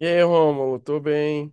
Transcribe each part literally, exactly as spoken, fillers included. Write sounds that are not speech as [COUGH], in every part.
E aí, Rômulo, tô bem.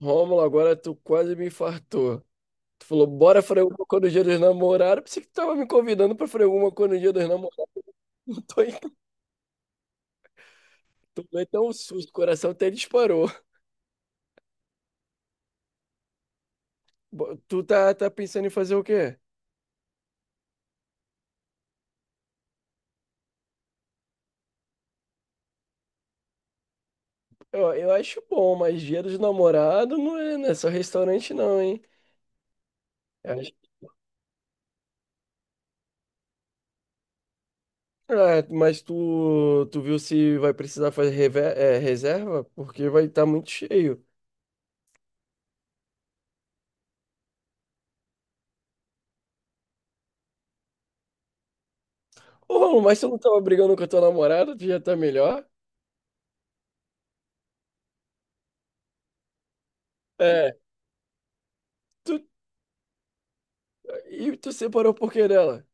Rômulo, agora tu quase me infartou. Tu falou, bora fazer alguma coisa no dia dos namorados. Pensei que tu tava me convidando pra fazer alguma coisa no dia dos namorados. [LAUGHS] Eu tô em casa. Tomei até um susto, o coração até disparou. Bo- Tu tá, tá pensando em fazer o quê? Eu, eu acho bom, mas dia dos namorados não é, não é só restaurante não, hein? Eu acho- Ah, mas tu, tu viu se vai precisar fazer rever- é, reserva? Porque vai estar muito cheio. Ô, Rômulo, mas tu não tava brigando com a tua namorada? Tu já tá melhor? É. Tu, e tu separou por que dela?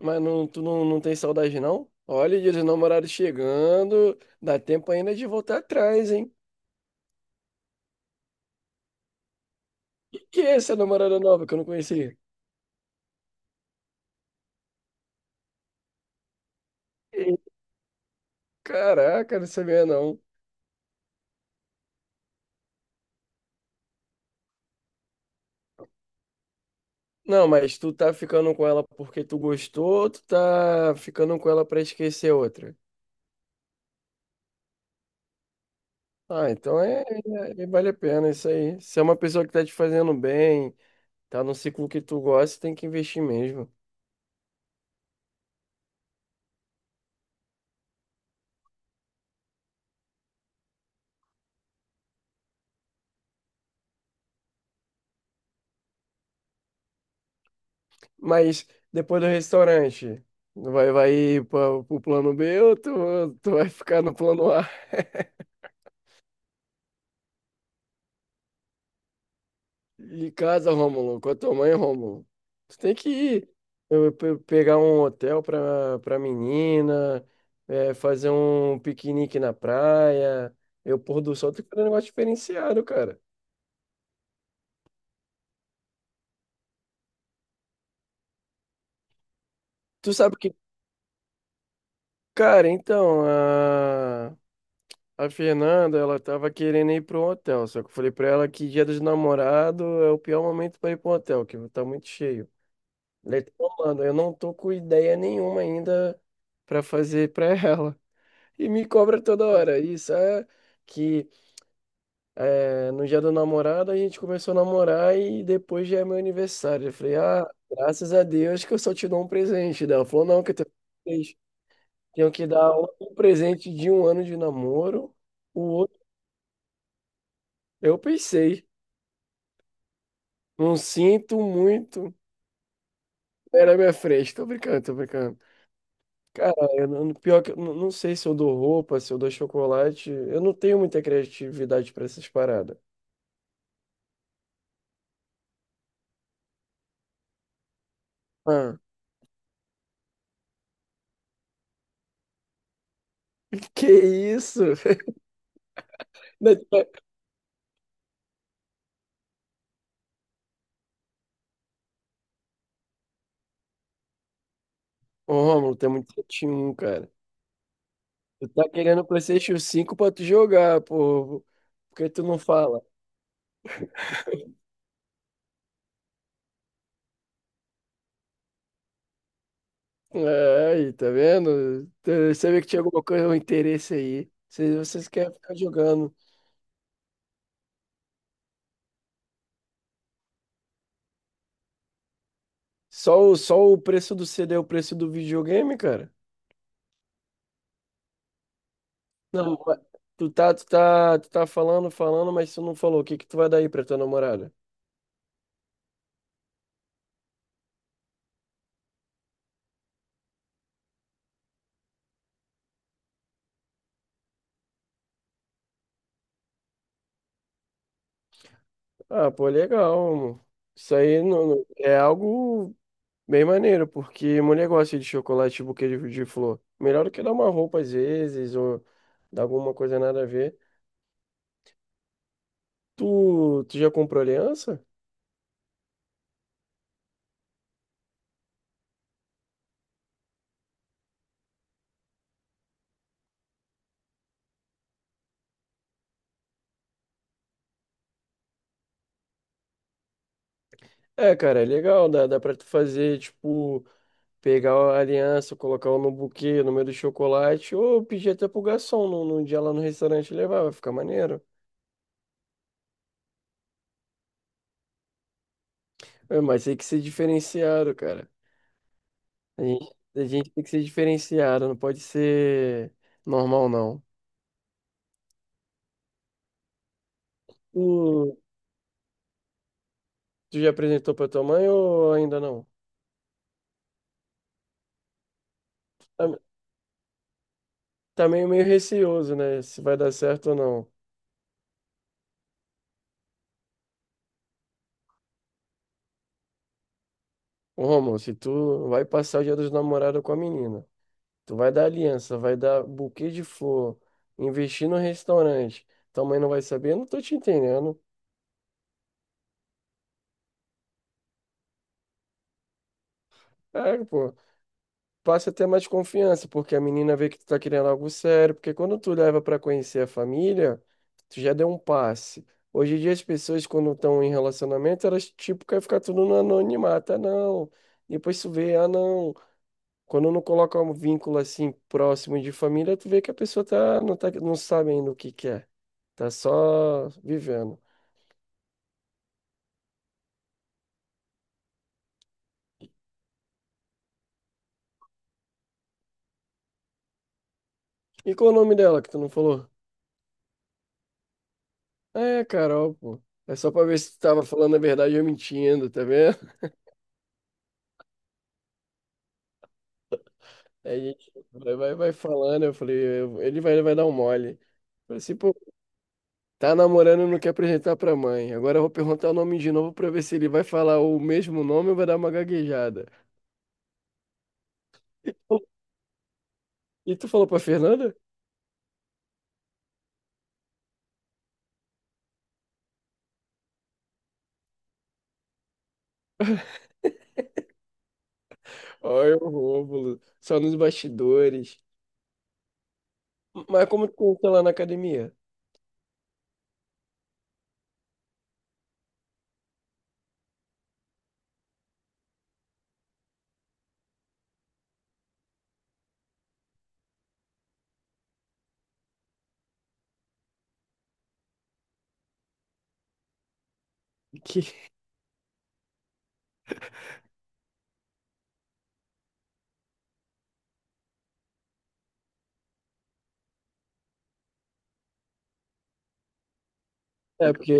Mas não, tu não, não tem saudade, não? Olha, dia dos namorados chegando. Dá tempo ainda de voltar atrás, hein? Que é essa namorada nova que eu não conhecia? Ih, caraca, não sabia não. Não, mas tu tá ficando com ela porque tu gostou, ou tu tá ficando com ela pra esquecer outra. Ah, então é, é- é- vale a pena isso aí. Se é uma pessoa que tá te fazendo bem, tá no ciclo que tu gosta, tem que investir mesmo. Mas depois do restaurante, vai, vai ir para o plano B ou tu, tu vai ficar no plano A? Em casa, Rômulo, com a tua mãe, Rômulo. Tu tem que ir, eu, pe- pegar um hotel para para menina, é, fazer um piquenique na praia. Eu, pôr do sol, tem que fazer um negócio diferenciado, cara. Tu sabe que, cara, então, a Fernanda, ela tava querendo ir para um hotel, só que eu falei pra ela que dia dos namorados é o pior momento pra ir para um hotel, que tá muito cheio. Ela falou, mano, eu não tô com ideia nenhuma ainda pra fazer pra [LAUGHS] ela. E me cobra toda hora. Isso é que é, no dia do namorado a gente começou a namorar e depois já é meu aniversário. Eu falei, ah, graças a Deus que eu só te dou um presente. Daí ela falou, não, que eu tenho três. Tenho que dar um presente de um ano de namoro, o outro. Eu pensei. Não sinto muito. Era minha frente. Tô brincando, tô brincando. Cara, eu não, pior que eu não, não sei se eu dou roupa, se eu dou chocolate. Eu não tenho muita criatividade pra essas paradas. Ah, que isso? [LAUGHS] Ô, Romulo, tem muito um cara. Tu tá querendo o PlayStation cinco pra tu jogar, pô. Por que tu não fala? É, aí, tá vendo? Eu sabia que tinha alguma coisa, um interesse aí. Vocês, vocês querem ficar jogando. Só o, só o preço do C D é o preço do videogame, cara? Não, mas tu tá, tu tá, tu tá falando, falando, mas tu não falou. O que que tu vai dar aí pra tua namorada? Ah, pô, legal, amor. Isso aí não, não- é algo bem maneiro, porque mulher gosta de chocolate e buquê de, de flor. Melhor do que dar uma roupa às vezes, ou dar alguma coisa nada a ver. Tu, tu já comprou aliança? É, cara, é legal, dá, dá pra tu fazer, tipo, pegar a aliança, colocar no buquê, no meio do chocolate, ou pedir até pro garçom no, no dia lá no restaurante levar, vai ficar maneiro. É, mas tem que ser diferenciado, cara. A gente, a gente tem que ser diferenciado, não pode ser normal, não. Tu, tu já apresentou pra tua mãe ou ainda não? Tá, tá meio, meio receoso, né? Se vai dar certo ou não. Ô, Romulo, se tu vai passar o Dia dos Namorados com a menina, tu vai dar aliança, vai dar buquê de flor, investir no restaurante, tua mãe não vai saber? Eu não tô te entendendo. É, pô. Passa a ter mais confiança, porque a menina vê que tu tá querendo algo sério, porque quando tu leva pra conhecer a família, tu já deu um passe. Hoje em dia as pessoas quando estão em relacionamento, elas tipo querem ficar tudo no anonimato, ah não. Depois tu vê, ah não. Quando não coloca um vínculo assim próximo de família, tu vê que a pessoa tá não tá não sabe ainda o que quer. Tá só vivendo. E qual o nome dela que tu não falou? Ah, é, Carol, pô. É só pra ver se tu tava falando a verdade ou mentindo, tá vendo? Aí a gente vai, vai, vai falando, eu falei, eu- ele vai, vai dar um mole. Eu falei assim, pô, tá namorando, não quer apresentar pra mãe. Agora eu vou perguntar o nome de novo pra ver se ele vai falar o mesmo nome ou vai dar uma gaguejada. E tu falou pra Fernanda? Olha o Rômulo, só nos bastidores. Mas como tu conheceu lá na academia? Que? [LAUGHS] É, porque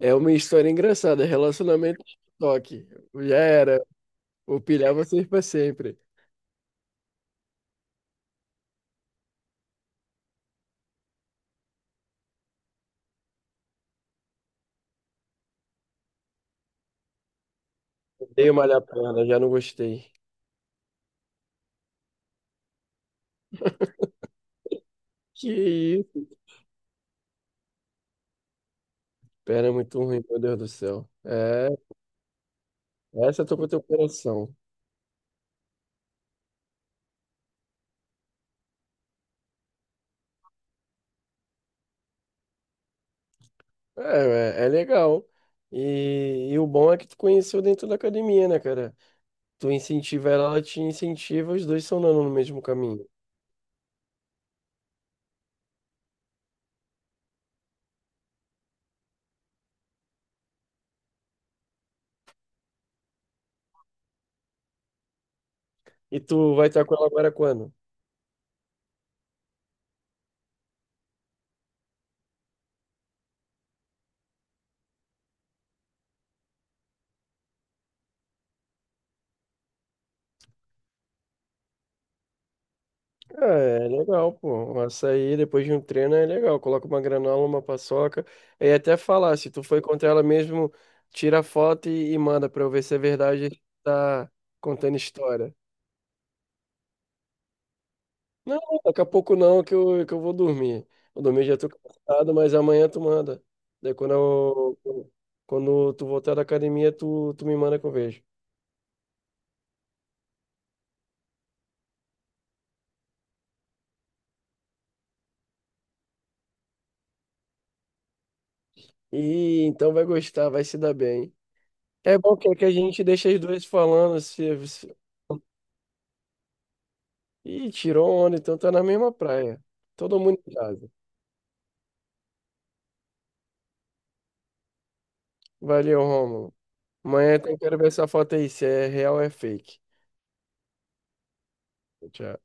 é uma história engraçada, relacionamento de toque. Já era, vou pilhar vocês pra sempre. Dei uma malhar perna, já não gostei. Que pera é muito ruim, meu Deus do céu. É, essa eu tô com o teu coração. É, é, é legal. E, e o bom é que tu conheceu dentro da academia, né, cara? Tu incentiva ela, ela te incentiva, os dois são andando no mesmo caminho. E tu vai estar com ela agora quando? Ah, é legal, pô. Um açaí depois de um treino é legal. Coloca uma granola, uma paçoca. E até falar, se tu foi contra ela mesmo, tira a foto e, e manda pra eu ver se é verdade que tá contando história. Não, daqui a pouco não, que eu, que eu vou dormir. Eu dormir já tô cansado, mas amanhã tu manda. Daí quando eu, quando tu voltar da academia, tu, tu me manda que eu vejo. E então vai gostar, vai se dar bem. É bom que, que a gente deixa as duas falando. Se, se... Ih, tirou onda, então tá na mesma praia. Todo mundo em casa. Valeu, Rômulo. Amanhã eu quero ver essa foto aí, se é real ou é fake. Tchau.